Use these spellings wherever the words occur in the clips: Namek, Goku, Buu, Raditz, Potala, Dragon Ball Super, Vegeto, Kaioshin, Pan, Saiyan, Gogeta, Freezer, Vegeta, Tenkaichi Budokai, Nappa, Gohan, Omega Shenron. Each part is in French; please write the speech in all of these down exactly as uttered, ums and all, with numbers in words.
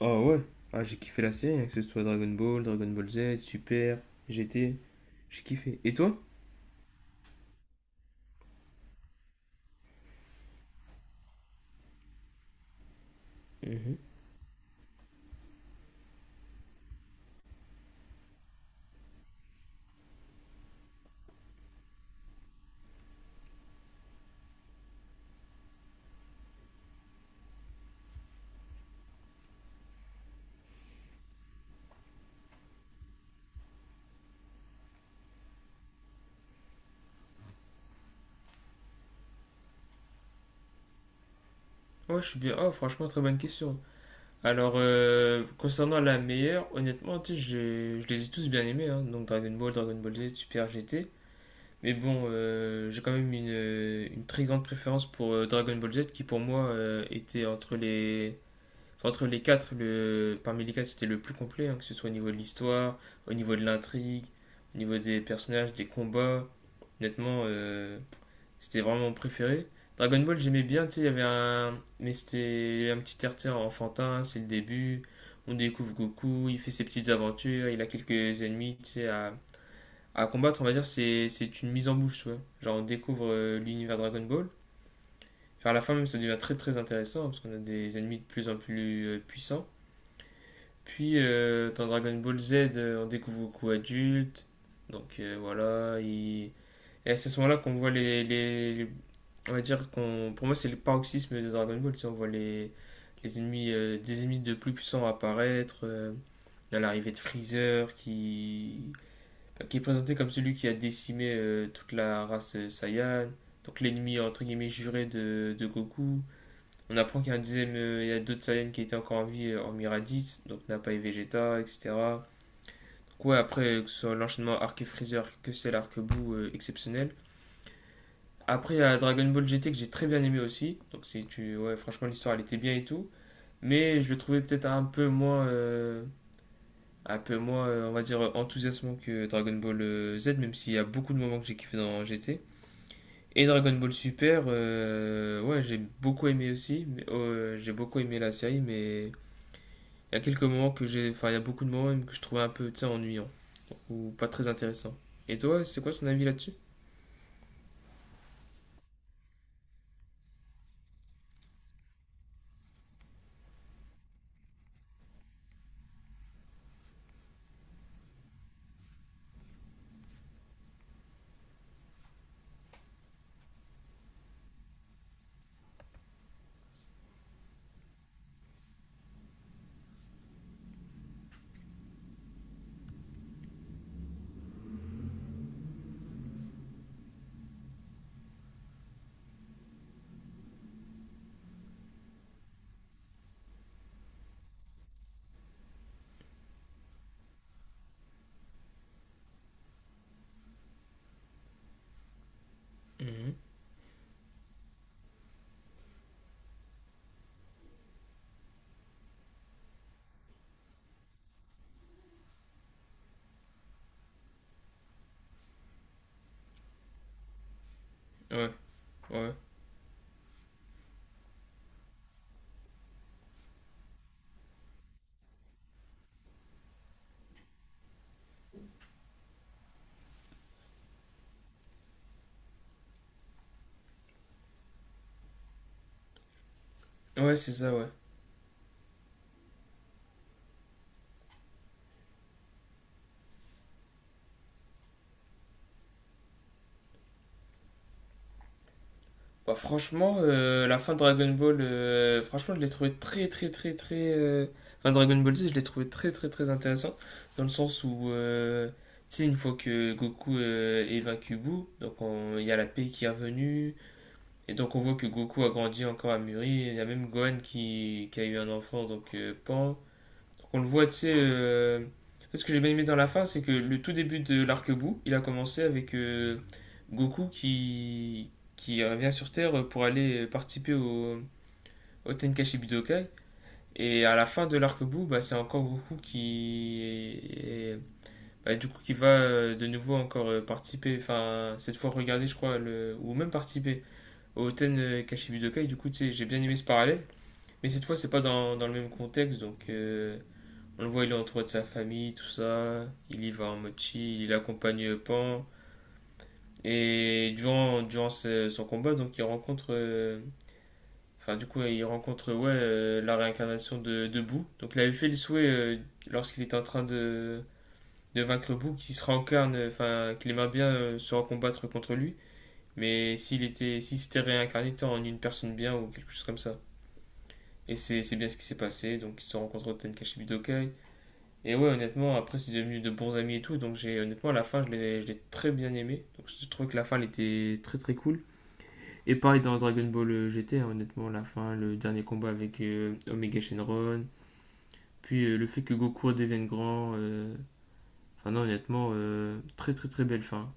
Oh ouais, ah, j'ai kiffé la série, hein, que ce soit Dragon Ball, Dragon Ball Z, Super, G T, j'ai kiffé. Et toi? Mhm. Ouais, je suis bien. Oh, franchement, très bonne question. Alors, euh, concernant la meilleure, honnêtement, tu sais, j'ai- je les ai tous bien aimés, hein. Donc Dragon Ball, Dragon Ball Z, Super G T. Mais bon, euh, j'ai quand même une, une très grande préférence pour euh, Dragon Ball Z qui, pour moi, euh, était entre les, enfin, entre les quatre, le... parmi les quatre, c'était le plus complet, hein, que ce soit au niveau de l'histoire, au niveau de l'intrigue, au niveau des personnages, des combats. Honnêtement, euh, c'était vraiment mon préféré. Dragon Ball, j'aimais bien, tu sais, il y avait un. Mais c'était un petit R T enfantin, c'est le début. On découvre Goku, il fait ses petites aventures, il a quelques ennemis, tu sais, à... à combattre, on va dire, c'est c'est une mise en bouche, ouais. Genre, on découvre euh, l'univers Dragon Ball. Enfin, à la fin, même, ça devient très très intéressant, hein, parce qu'on a des ennemis de plus en plus euh, puissants. Puis euh, dans Dragon Ball Z, euh, on découvre Goku adulte. Donc euh, voilà, il- et c'est à ce moment-là qu'on voit les, les- les- on va dire qu'on... Pour moi, c'est le paroxysme de Dragon Ball. Tu sais, on voit les, les ennemis, euh, des ennemis de plus puissants apparaître. Euh, à l'arrivée de Freezer, qui... enfin, qui est présenté comme celui qui a décimé euh, toute la race euh, Saiyan. Donc l'ennemi, entre guillemets, juré de, de Goku. On apprend qu'il y a un dixième, euh, il y a d'autres Saiyans qui étaient encore en vie, euh, hormis Raditz, donc Nappa et Vegeta, et cetera. Donc ouais, après, que ce soit l'enchaînement Arc et Freezer, que c'est l'arc bout euh, exceptionnel. Après, il y a Dragon Ball G T que j'ai très bien aimé aussi. Donc, si tu... ouais, franchement, l'histoire elle était bien et tout. Mais je le trouvais peut-être un peu moins, euh, un peu moins euh, on va dire, enthousiasmant que Dragon Ball euh, Z, même s'il y a beaucoup de moments que j'ai kiffé dans G T. Et Dragon Ball Super, euh, ouais, j'ai beaucoup aimé aussi. mais, oh, euh, j'ai beaucoup aimé la série, mais il y a quelques moments que j'ai. Enfin, il y a beaucoup de moments même que je trouvais un peu, tu sais, ennuyant ou pas très intéressant. Et toi, c'est quoi ton avis là-dessus? Mhm. Ouais, ouais. Ouais, c'est ça, ouais. Bah, franchement, euh, la fin de Dragon Ball, euh, franchement, je l'ai trouvé très, très, très, très. euh, Enfin, Dragon Ball Z, je l'ai trouvé très, très, très intéressant. Dans le sens où, euh, tu sais, une fois que Goku euh, est vaincu Buu, donc on- il y a la paix qui est revenue. Et donc, on voit que Goku a grandi encore à mûri. Il y a même Gohan qui, qui a eu un enfant, donc euh, Pan. On le voit, tu sais. euh, Ce que j'ai bien aimé dans la fin, c'est que le tout début de l'arc-bout, il a commencé avec euh, Goku qui, qui revient sur Terre pour aller participer au, au Tenkaichi Budokai. Et à la fin de l'arc-bout, bah, c'est encore Goku qui est- est- bah, du coup, qui va euh, de nouveau encore euh, participer, enfin, cette fois regarder, je crois, le, ou même participer au Tenkaichi Budokai. Du coup, tu sais, j'ai bien aimé ce parallèle. Mais cette fois, c'est pas dans, dans le même contexte, donc euh, on le voit, il est entouré de sa famille, tout ça. Il y va en mode chill, il accompagne Pan. Et durant, durant ce- son combat, donc il rencontre. euh, Enfin, du coup, il rencontre ouais, euh, la réincarnation de, de Boo. Donc, il avait fait le souhait euh, lorsqu'il était en train de, de vaincre Boo qu'il se réincarne, euh, enfin, qu'il aimerait bien euh, se recombattre contre lui. Mais s'il était, s'il s'était réincarné tant en une personne bien ou quelque chose comme ça. Et c'est c'est bien ce qui s'est passé. Donc, ils se rencontrent au Tenkaichi Budokai. Et ouais, honnêtement, après, c'est devenu de bons amis et tout. Donc, j'ai honnêtement, à la fin, je l'ai je l'ai très bien aimé. Donc, je trouve que la fin, elle était très très cool. Et pareil dans Dragon Ball G T, hein, honnêtement, la fin, le dernier combat avec euh, Omega Shenron. Puis euh, le fait que Goku devienne grand. euh, Enfin, non, honnêtement, euh, très très très belle fin.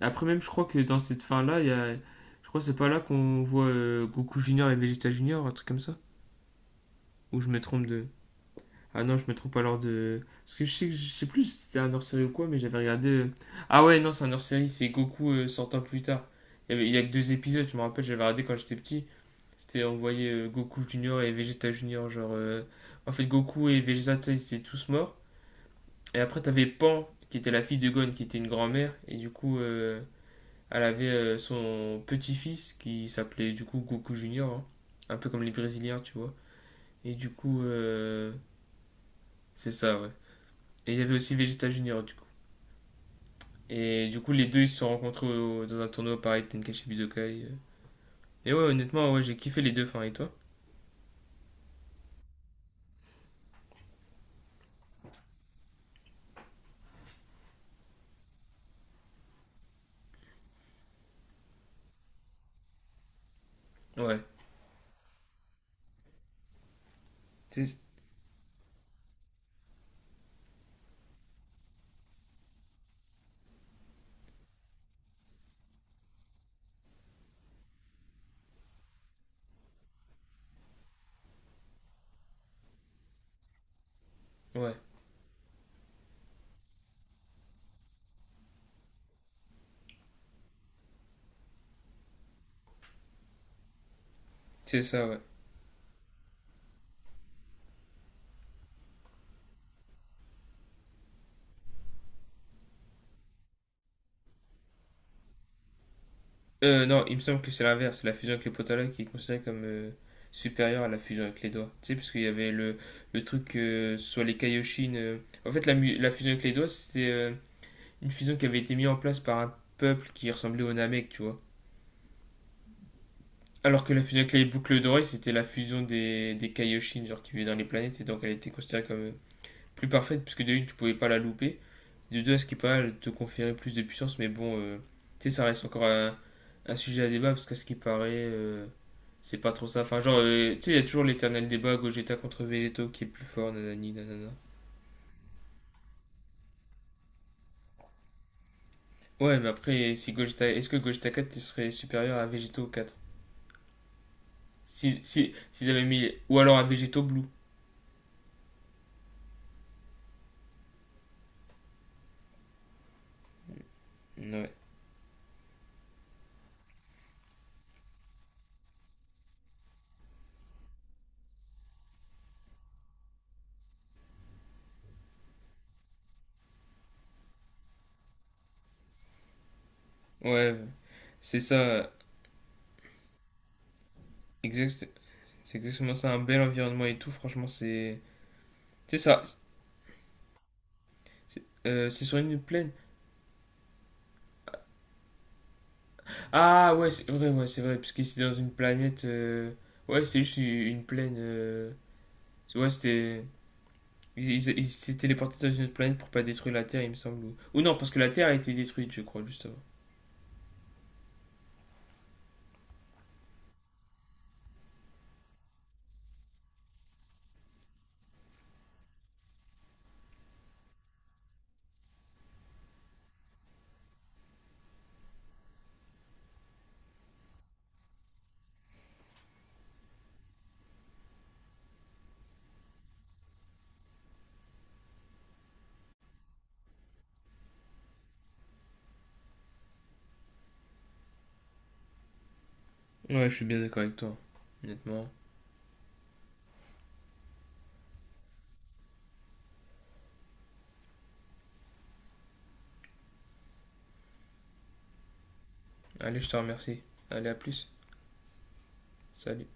Après, même, je crois que dans cette fin-là, il y a. Je crois que c'est pas là qu'on voit euh, Goku Junior et Vegeta Junior, un truc comme ça. Ou je me trompe de. Ah non, je me trompe alors de. Parce que je sais, que- je sais plus si c'était un hors-série ou quoi, mais j'avais regardé. euh, Ah ouais, non, c'est un hors-série, c'est Goku euh, cent ans plus tard. Il y, avait- il y a que deux épisodes, je me rappelle, j'avais regardé quand j'étais petit. C'était, on voyait euh, Goku Junior et Vegeta Junior, genre. euh, En fait, Goku et Vegeta, ils étaient tous morts. Et après, t'avais Pan, qui était la fille de Gon, qui était une grand-mère, et du coup, euh, elle avait euh, son petit-fils qui s'appelait du coup Goku Junior, hein. Un peu comme les Brésiliens, tu vois. Et du coup, euh, c'est ça, ouais. Et il y avait aussi Vegeta Junior, du coup. Et du coup, les deux, ils se sont rencontrés au- dans un tournoi pareil, Tenkaichi Budokai. euh. Et ouais, honnêtement, ouais, j'ai kiffé les deux fins. Et toi? Ouais. C'est- Ouais, c'est ça, ouais. Euh, non, il me semble que c'est l'inverse. La fusion avec les potala qui est considérée comme euh, supérieure à la fusion avec les doigts. Tu sais, parce qu'il y avait le, le truc euh, sur les Kaioshin. euh, En fait, la, mu- la fusion avec les doigts, c'était euh, une fusion qui avait été mise en place par un peuple qui ressemblait aux Namek, tu vois. Alors que la fusion avec les boucles dorées, c'était la fusion des, des Kaioshin, genre qui vivaient dans les planètes, et donc elle était considérée comme euh, plus parfaite, puisque de une, tu pouvais pas la louper, de deux, à ce qui est pas elle te conférait plus de puissance, mais bon, euh, tu sais, ça reste encore un, un sujet à débat, parce qu'à ce qui paraît, euh, c'est pas trop ça. Enfin, genre, euh, tu sais, il y a toujours l'éternel débat Gogeta contre Vegeto qui est plus fort, nanani, nanana. Ouais, mais après, si Gogeta, est-ce que Gogeta quatre serait supérieur à Vegeto quatre? Si, si, s'ils avaient mis, ou alors à Vegeto Blue. Ouais, ouais, c'est ça. Exact, c'est exactement ça, un bel environnement et tout, franchement, c'est. C'est ça. C'est euh, c'est sur une plaine. Ah ouais, c'est vrai, ouais, c'est vrai, parce que c'est dans une planète. euh, Ouais, c'est juste une une plaine. euh, Ouais, c'était. Ils ils- ils s'étaient téléportés dans une autre planète pour pas détruire la Terre, il me semble. Ou ou non, parce que la Terre a été détruite, je crois, juste avant. Ouais, je suis bien d'accord avec toi, honnêtement. Allez, je te remercie. Allez, à plus. Salut.